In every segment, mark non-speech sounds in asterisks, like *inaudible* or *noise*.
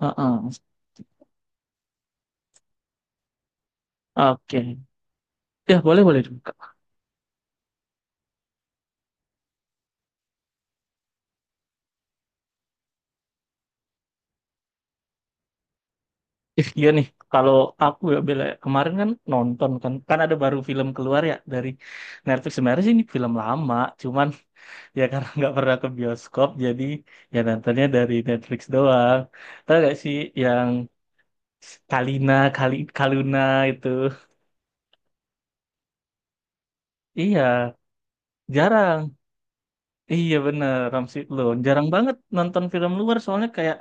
Heeh. Oke. Ya, boleh boleh juga. Ih, iya nih. Kalau aku ya Bella, ya, kemarin kan nonton kan kan ada baru film keluar ya dari Netflix. Sebenarnya sih ini film lama, cuman *laughs* ya karena nggak pernah ke bioskop jadi ya nontonnya dari Netflix doang. Tahu gak sih yang Kalina, Kali Kaluna itu. Iya, jarang. Iya bener, Ramsi Loon. Jarang banget nonton film luar soalnya kayak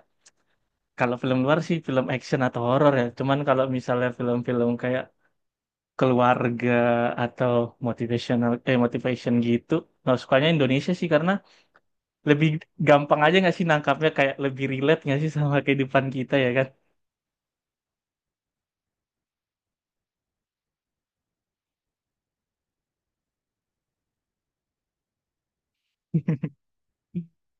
kalau film luar sih film action atau horor ya. Cuman kalau misalnya film-film kayak keluarga atau motivation gitu nggak sukanya Indonesia sih karena lebih gampang aja nggak sih nangkapnya kayak lebih relate nggak sih sama kehidupan kita ya kan. *laughs*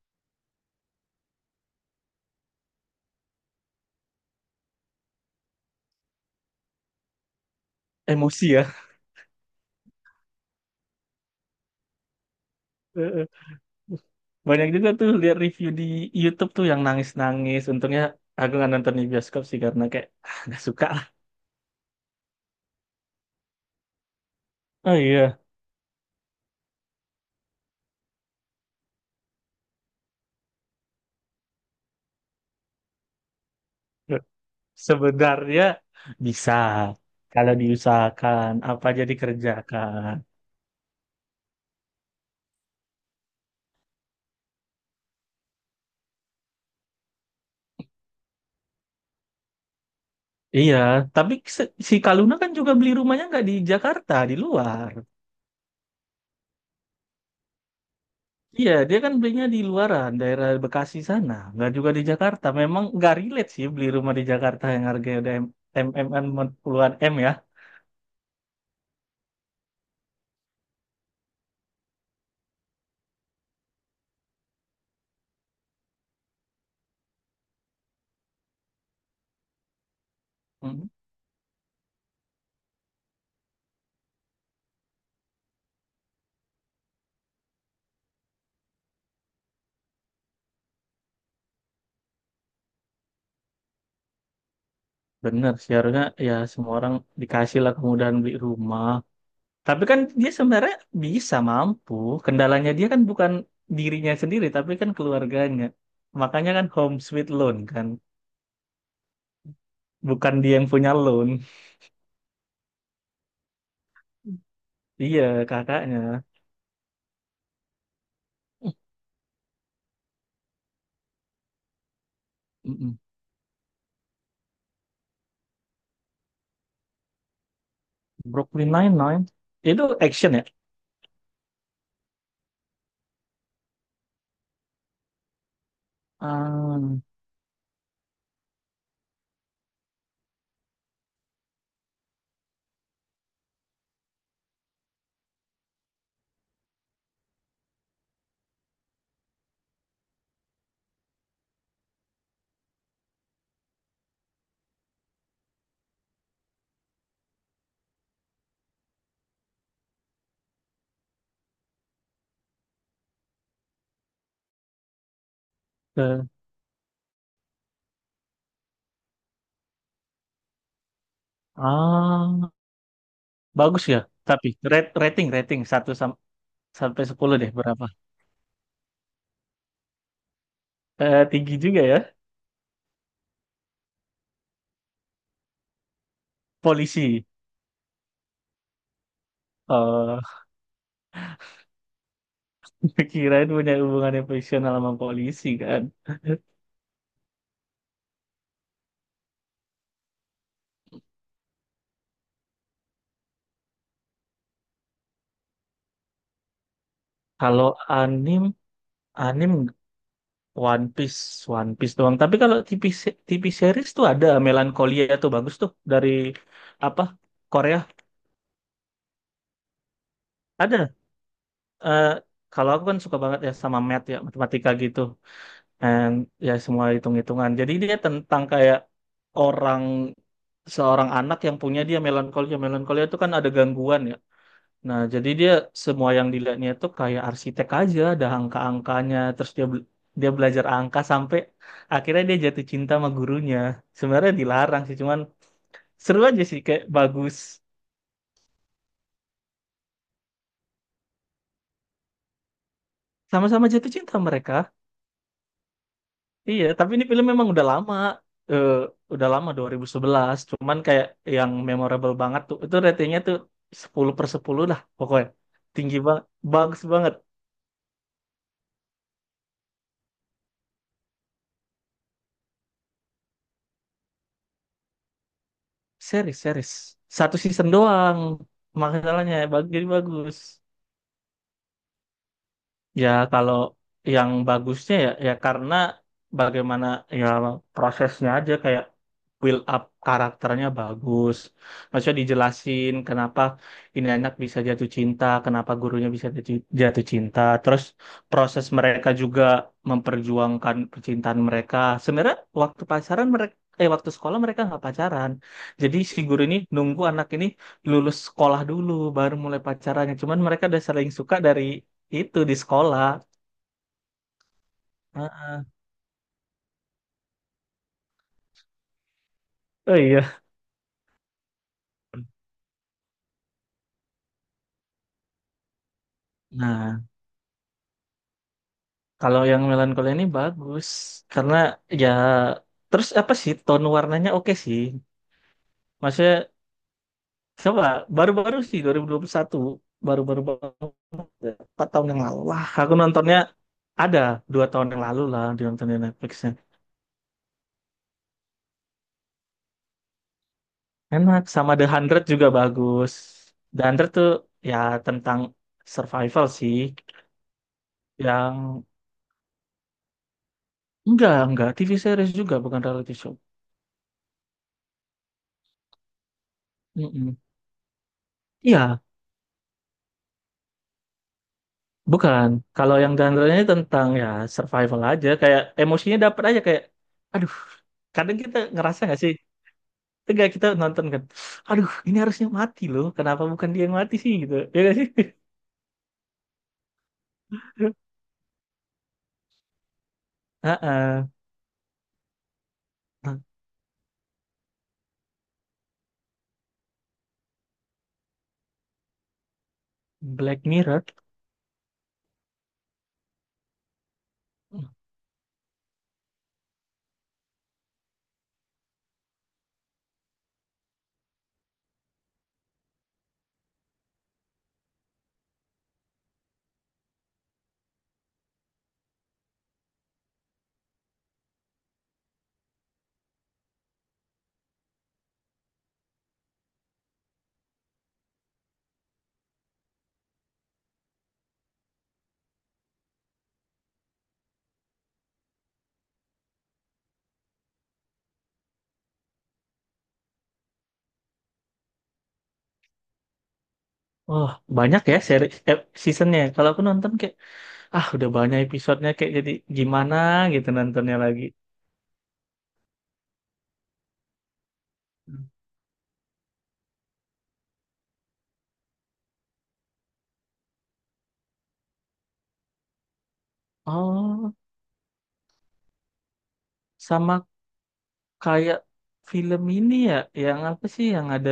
Emosi ya. Heeh. Banyak juga tuh lihat review di YouTube tuh yang nangis-nangis, untungnya aku nggak nonton di bioskop sih karena kayak ah, nggak suka lah. Oh iya, sebenarnya bisa kalau diusahakan apa jadi kerjakan. Iya, tapi si Kaluna kan juga beli rumahnya nggak di Jakarta, di luar. Iya, dia kan belinya di luaran, daerah Bekasi sana, nggak juga di Jakarta. Memang nggak relate sih beli rumah di Jakarta yang harganya udah MMN puluhan M ya. Hmm. Bener sih, harusnya ya semua orang dikasih lah kemudahan beli rumah. Tapi kan dia sebenarnya bisa mampu. Kendalanya dia kan bukan dirinya sendiri, tapi kan keluarganya. Makanya kan home sweet loan kan. Bukan dia yang punya loan. *laughs* Iya, kakaknya. Eh, mm-mm. Brooklyn Nine-Nine itu action ya? Ah, ke- ah, bagus ya. Tapi rate- rating rating satu sampai 10 deh berapa? Eh, tinggi juga ya. Polisi. Eh, *laughs* kirain punya hubungan yang profesional sama polisi kan. Kalau anim anim One Piece One Piece doang. Tapi kalau TV series tuh ada Melancholia tuh bagus tuh dari apa? Korea. Ada. eh kalau aku kan suka banget ya sama math ya, matematika gitu. And ya semua hitung-hitungan. Jadi dia tentang kayak orang seorang anak yang punya dia melankolia. Melankolia itu kan ada gangguan ya. Nah, jadi dia semua yang dilihatnya itu kayak arsitek aja, ada angka-angkanya, terus dia belajar angka sampai akhirnya dia jatuh cinta sama gurunya. Sebenarnya dilarang sih, cuman seru aja sih kayak bagus. Sama-sama jatuh cinta mereka. Iya, tapi ini film memang udah lama. Eh, udah lama 2011. Cuman kayak yang memorable banget tuh. Itu ratingnya tuh 10/10 lah pokoknya. Tinggi banget. Bagus banget. Series, series. Satu season doang. Masalahnya bagus, jadi bagus. Ya kalau yang bagusnya ya ya karena bagaimana ya prosesnya aja kayak build up karakternya bagus. Maksudnya dijelasin kenapa ini anak bisa jatuh cinta, kenapa gurunya bisa jatuh jatuh cinta. Terus proses mereka juga memperjuangkan percintaan mereka. Sebenarnya waktu pacaran mereka, eh, waktu sekolah mereka nggak pacaran. Jadi si guru ini nunggu anak ini lulus sekolah dulu baru mulai pacarannya. Cuman mereka udah saling suka dari itu di sekolah. Nah. Oh iya. Nah, kalau yang melankolia ini bagus karena ya terus apa sih tone warnanya oke sih. Maksudnya coba baru-baru sih 2021 baru-baru banget, 4 tahun yang lalu. Wah, aku nontonnya ada 2 tahun yang lalu lah di nonton di Netflixnya. Enak, sama The Hundred juga bagus. The Hundred tuh ya tentang survival sih yang enggak TV series juga bukan reality show. Mm-mm. Iya. Bukan. Kalau yang genre-nya tentang ya survival aja, kayak emosinya dapat aja kayak, aduh, kadang kita ngerasa nggak sih? Enggak kita nonton kan, aduh, ini harusnya mati loh. Kenapa bukan dia yang mati sih gitu? *laughs* Ya nggak sih? *laughs* Heeh. Black Mirror. Oh, banyak ya eh, seasonnya. Kalau aku nonton kayak, ah, udah banyak episodenya kayak jadi gimana gitu nontonnya lagi. Oh, sama kayak film ini ya, yang apa sih yang ada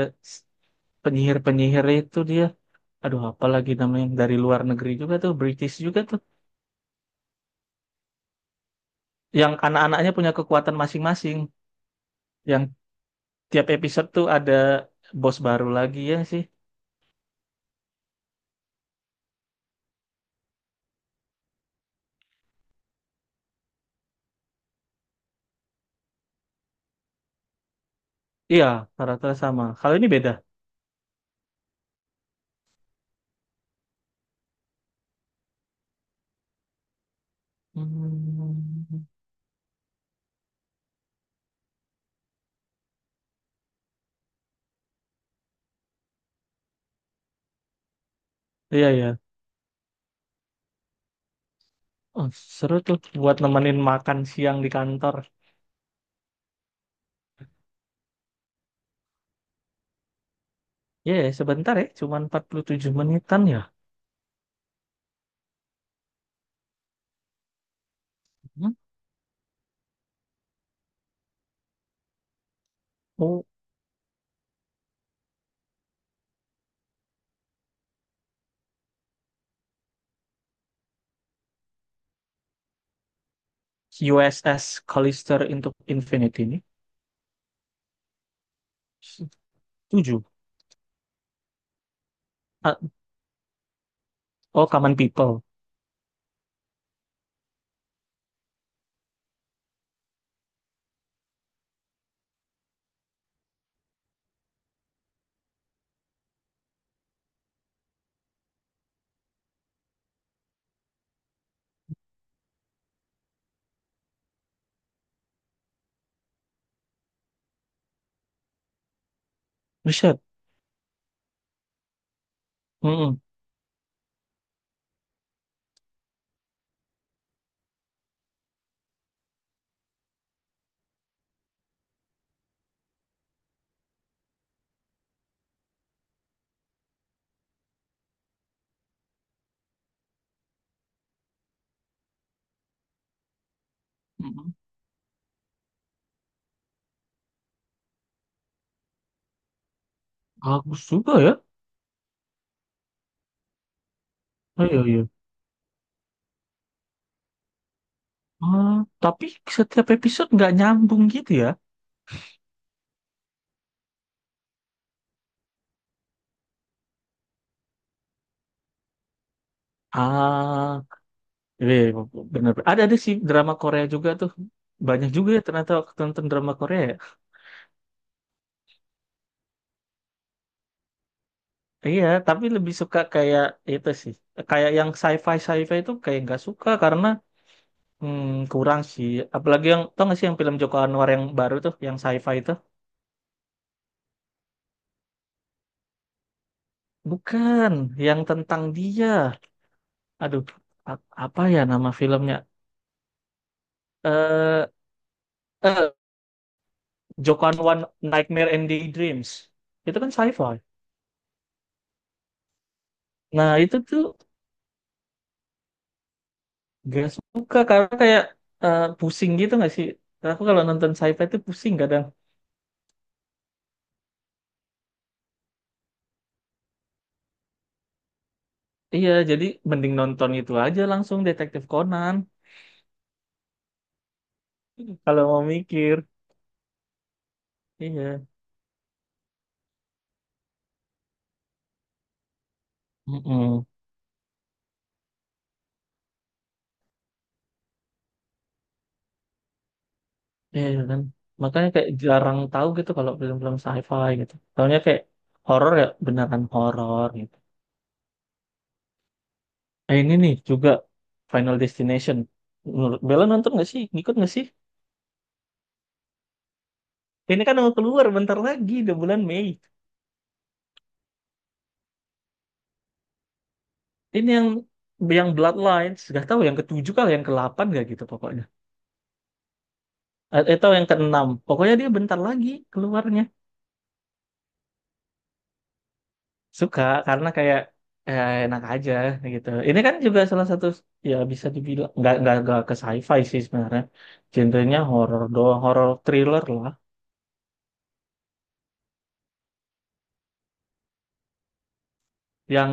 penyihir-penyihir itu dia aduh apa lagi namanya yang dari luar negeri juga tuh British juga tuh yang anak-anaknya punya kekuatan masing-masing yang tiap episode tuh ada bos baru lagi ya sih. Iya, karakter sama, kalau ini beda. Hmm. Iya, iya. Oh, seru tuh buat nemenin makan siang di kantor. Iya ya, sebentar ya cuman 47 menitan ya. Hmm. Oh, USS Callister into Infinity ini tujuh. Ah, oh, Common People. Buset. Mm-mm. Mm-mm. Bagus juga ya. Oh, iya, iya. Ah, tapi setiap episode nggak nyambung gitu ya. Ah, iya, iya, bener. Ada sih drama Korea juga tuh. Banyak juga ya ternyata waktu nonton drama Korea, ya. Iya, tapi lebih suka kayak itu sih. Kayak yang sci-fi sci-fi itu kayak nggak suka karena hmm, kurang sih. Apalagi yang tau nggak sih yang film Joko Anwar yang baru tuh, yang sci-fi itu? Bukan, yang tentang dia. Aduh, apa ya nama filmnya? Eh, eh, Joko Anwar Nightmare and Daydreams itu kan sci-fi. Nah itu tuh gak suka karena kayak pusing gitu gak sih? Karena aku kalau nonton sci-fi itu pusing kadang. Iya, jadi mending nonton itu aja langsung Detektif Conan kalau mau mikir. Iya. Mm-mm. Iya kan makanya kayak jarang tahu gitu kalau film-film sci-fi gitu. Tahunya kayak horor, ya beneran horor gitu. Ini nih juga Final Destination. Menurut Bella nonton gak sih, ngikut gak sih? Ini kan mau keluar bentar lagi udah bulan Mei. Ini yang Bloodlines, gak tahu yang ketujuh kali yang ke-8 gak gitu pokoknya. Atau yang keenam. Pokoknya dia bentar lagi keluarnya. Suka karena kayak enak aja gitu. Ini kan juga salah satu ya bisa dibilang nggak ke sci-fi sih sebenarnya. Genrenya horor doang, horor thriller lah. Yang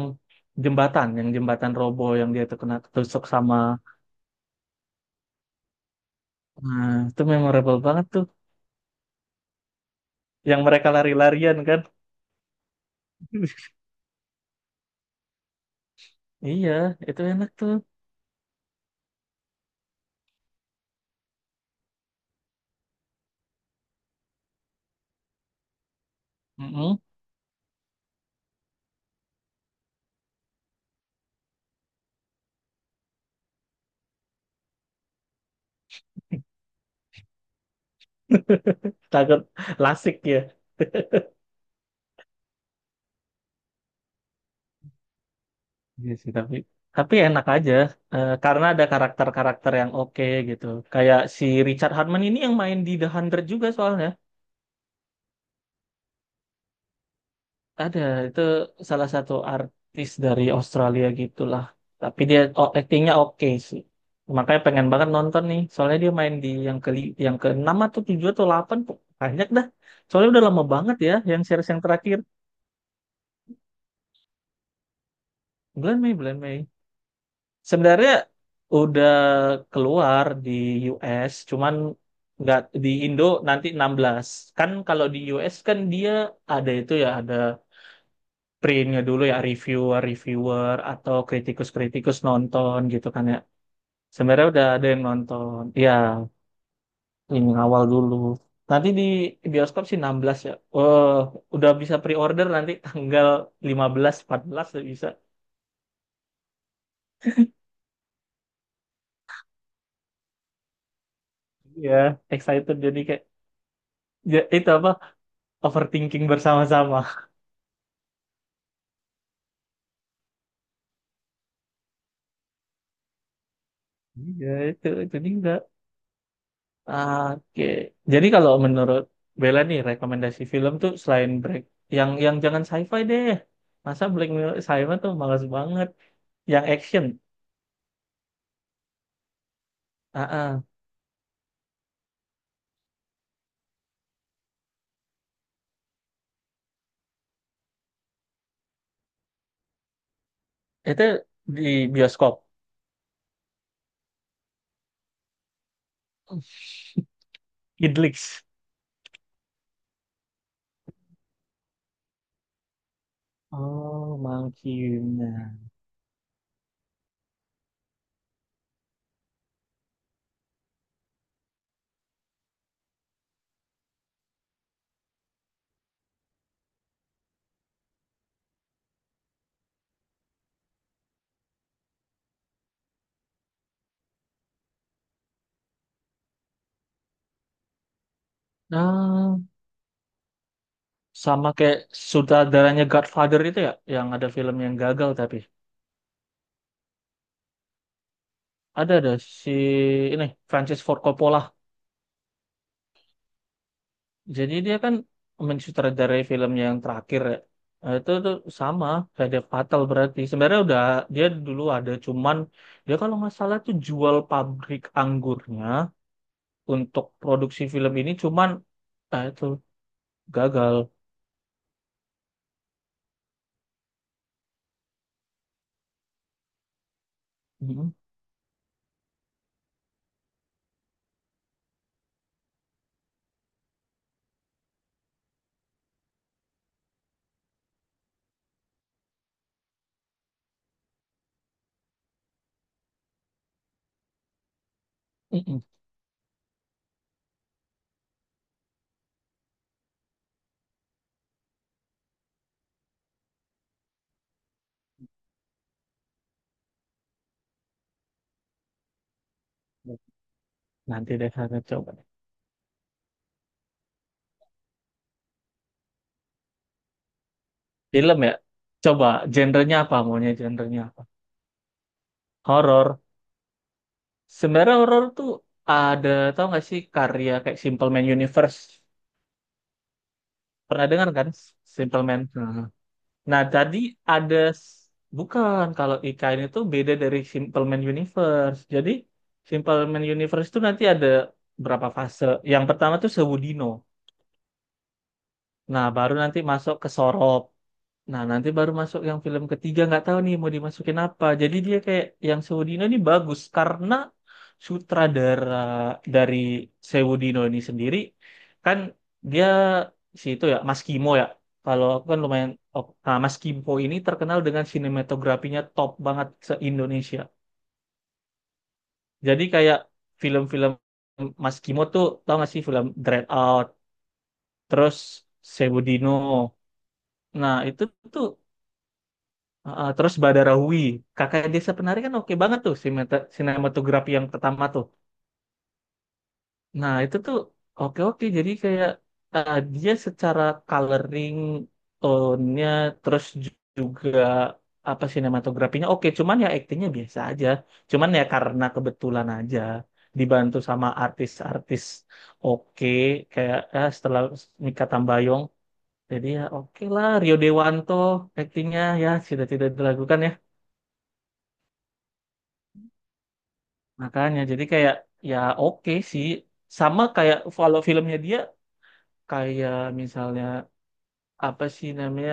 yang jembatan robo yang dia tuh kena ketusuk sama. Nah, itu memorable banget tuh. Yang mereka lari-larian kan. *laughs* Iya, itu enak tuh. Mm-mm. *laughs* Takut lasik ya. Iya sih, tapi enak aja karena ada karakter-karakter yang oke gitu. Kayak si Richard Hartman ini yang main di The Hundred juga soalnya. Ada itu salah satu artis dari Australia gitulah. Tapi dia oh, actingnya oke sih. Makanya pengen banget nonton nih. Soalnya dia main di yang keenam atau tujuh atau delapan banyak dah. Soalnya udah lama banget ya yang series yang terakhir. Bulan Mei, bulan Mei. Sebenarnya udah keluar di US, cuman nggak di Indo nanti 16. Kan kalau di US kan dia ada itu ya, ada printnya dulu ya, reviewer-reviewer atau kritikus-kritikus nonton gitu kan ya. Sebenarnya udah ada yang nonton. Ya, ini awal dulu. Nanti di bioskop sih 16 ya. Oh, udah bisa pre-order nanti tanggal 15, 14 udah bisa. Iya, excited jadi kayak ya, itu apa? Overthinking bersama-sama. Iya, itu juga. Oke. Jadi kalau menurut Bella nih rekomendasi film tuh selain Black yang jangan sci-fi deh. Masa Black Mirror sci-fi tuh malas banget. Yang action. Ah, ah. Itu di bioskop. Idlix. Oh, Monkey Man. Nah, sama kayak sutradaranya Godfather itu ya, yang ada film yang gagal tapi ada si ini Francis Ford Coppola. Jadi dia kan mensutradarai film yang terakhir ya. Nah, itu tuh sama kayak fatal berarti. Sebenarnya udah dia dulu ada cuman dia kalau nggak salah tuh jual pabrik anggurnya untuk produksi film ini cuman ah, itu gagal. Mm-mm. Mm-mm. Nanti deh saya coba. Film ya. Coba genrenya apa, maunya genrenya apa? Horor. Sebenarnya horor tuh ada tau nggak sih karya kayak Simple Man Universe. Pernah dengar kan Simple Man? Nah. Nah, Tadi ada s- bukan kalau IKN itu beda dari Simple Man Universe. Jadi Simple Man Universe itu nanti ada berapa fase. Yang pertama tuh Sewudino. Nah, baru nanti masuk ke Sorop. Nah, nanti baru masuk yang film ketiga nggak tahu nih mau dimasukin apa. Jadi dia kayak yang Sewudino ini bagus karena sutradara dari Sewudino ini sendiri kan dia si itu ya Mas Kimo ya. Kalau aku kan lumayan oh, nah, Mas Kimo ini terkenal dengan sinematografinya top banget se-Indonesia. Jadi kayak film-film Mas Kimo tuh tau gak sih film Dread Out, terus Sewudino. Nah, itu tuh. Terus Badarawi, kakak desa penari kan oke banget tuh sinematografi yang pertama tuh. Nah itu tuh oke oke jadi kayak dia secara coloring tone-nya terus juga apa sinematografinya oke cuman ya aktingnya biasa aja. Cuman ya karena kebetulan aja dibantu sama artis-artis oke kayak setelah Mikha Tambayong jadi ya oke lah Rio Dewanto aktingnya ya tidak tidak dilakukan ya. Makanya jadi kayak ya oke sih. Sama kayak kalau filmnya dia kayak misalnya apa sih namanya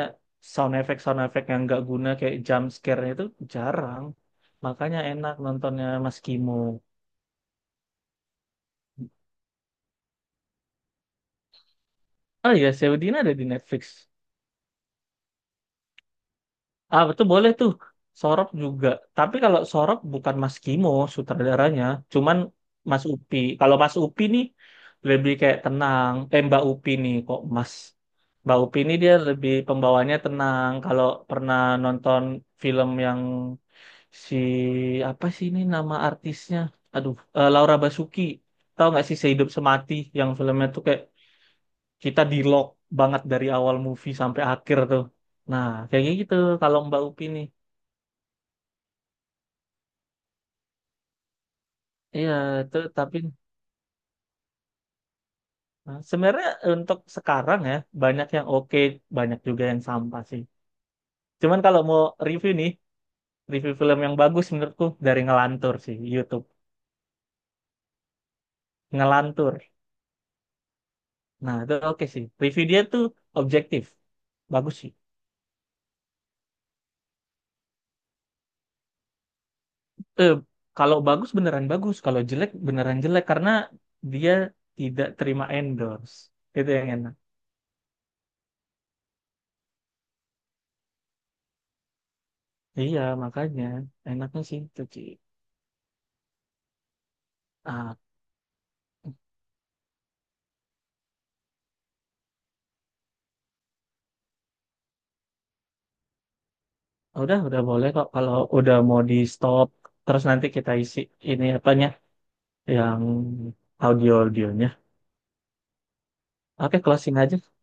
sound effect yang nggak guna kayak jump scare itu jarang. Makanya enak nontonnya Mas Kimo. Oh iya, Saudina ada di Netflix. Ah, betul boleh tuh. Sorop juga. Tapi kalau Sorop bukan Mas Kimo sutradaranya, cuman Mas Upi. Kalau Mas Upi nih lebih kayak tenang. Eh, Mbak Upi nih kok Mas. Mbak Upi nih dia lebih pembawanya tenang. Kalau pernah nonton film yang si apa sih ini nama artisnya? Aduh, Laura Basuki. Tahu nggak sih Sehidup Semati yang filmnya tuh kayak kita di-lock banget dari awal movie sampai akhir tuh. Nah, kayak gitu kalau Mbak Upi nih. Iya, itu tapi nah, sebenarnya untuk sekarang ya banyak yang oke, banyak juga yang sampah sih. Cuman kalau mau review nih, review film yang bagus menurutku dari Ngelantur sih, YouTube. Ngelantur. Nah, itu oke sih. Review dia tuh objektif. Bagus sih. Eh, kalau bagus beneran bagus, kalau jelek beneran jelek karena dia tidak terima endorse. Itu yang enak. Iya, makanya enaknya sih itu sih. Ah, udah boleh kok kalau udah mau di stop. Terus nanti kita isi ini apanya yang audio-audionya. Oke, closing aja.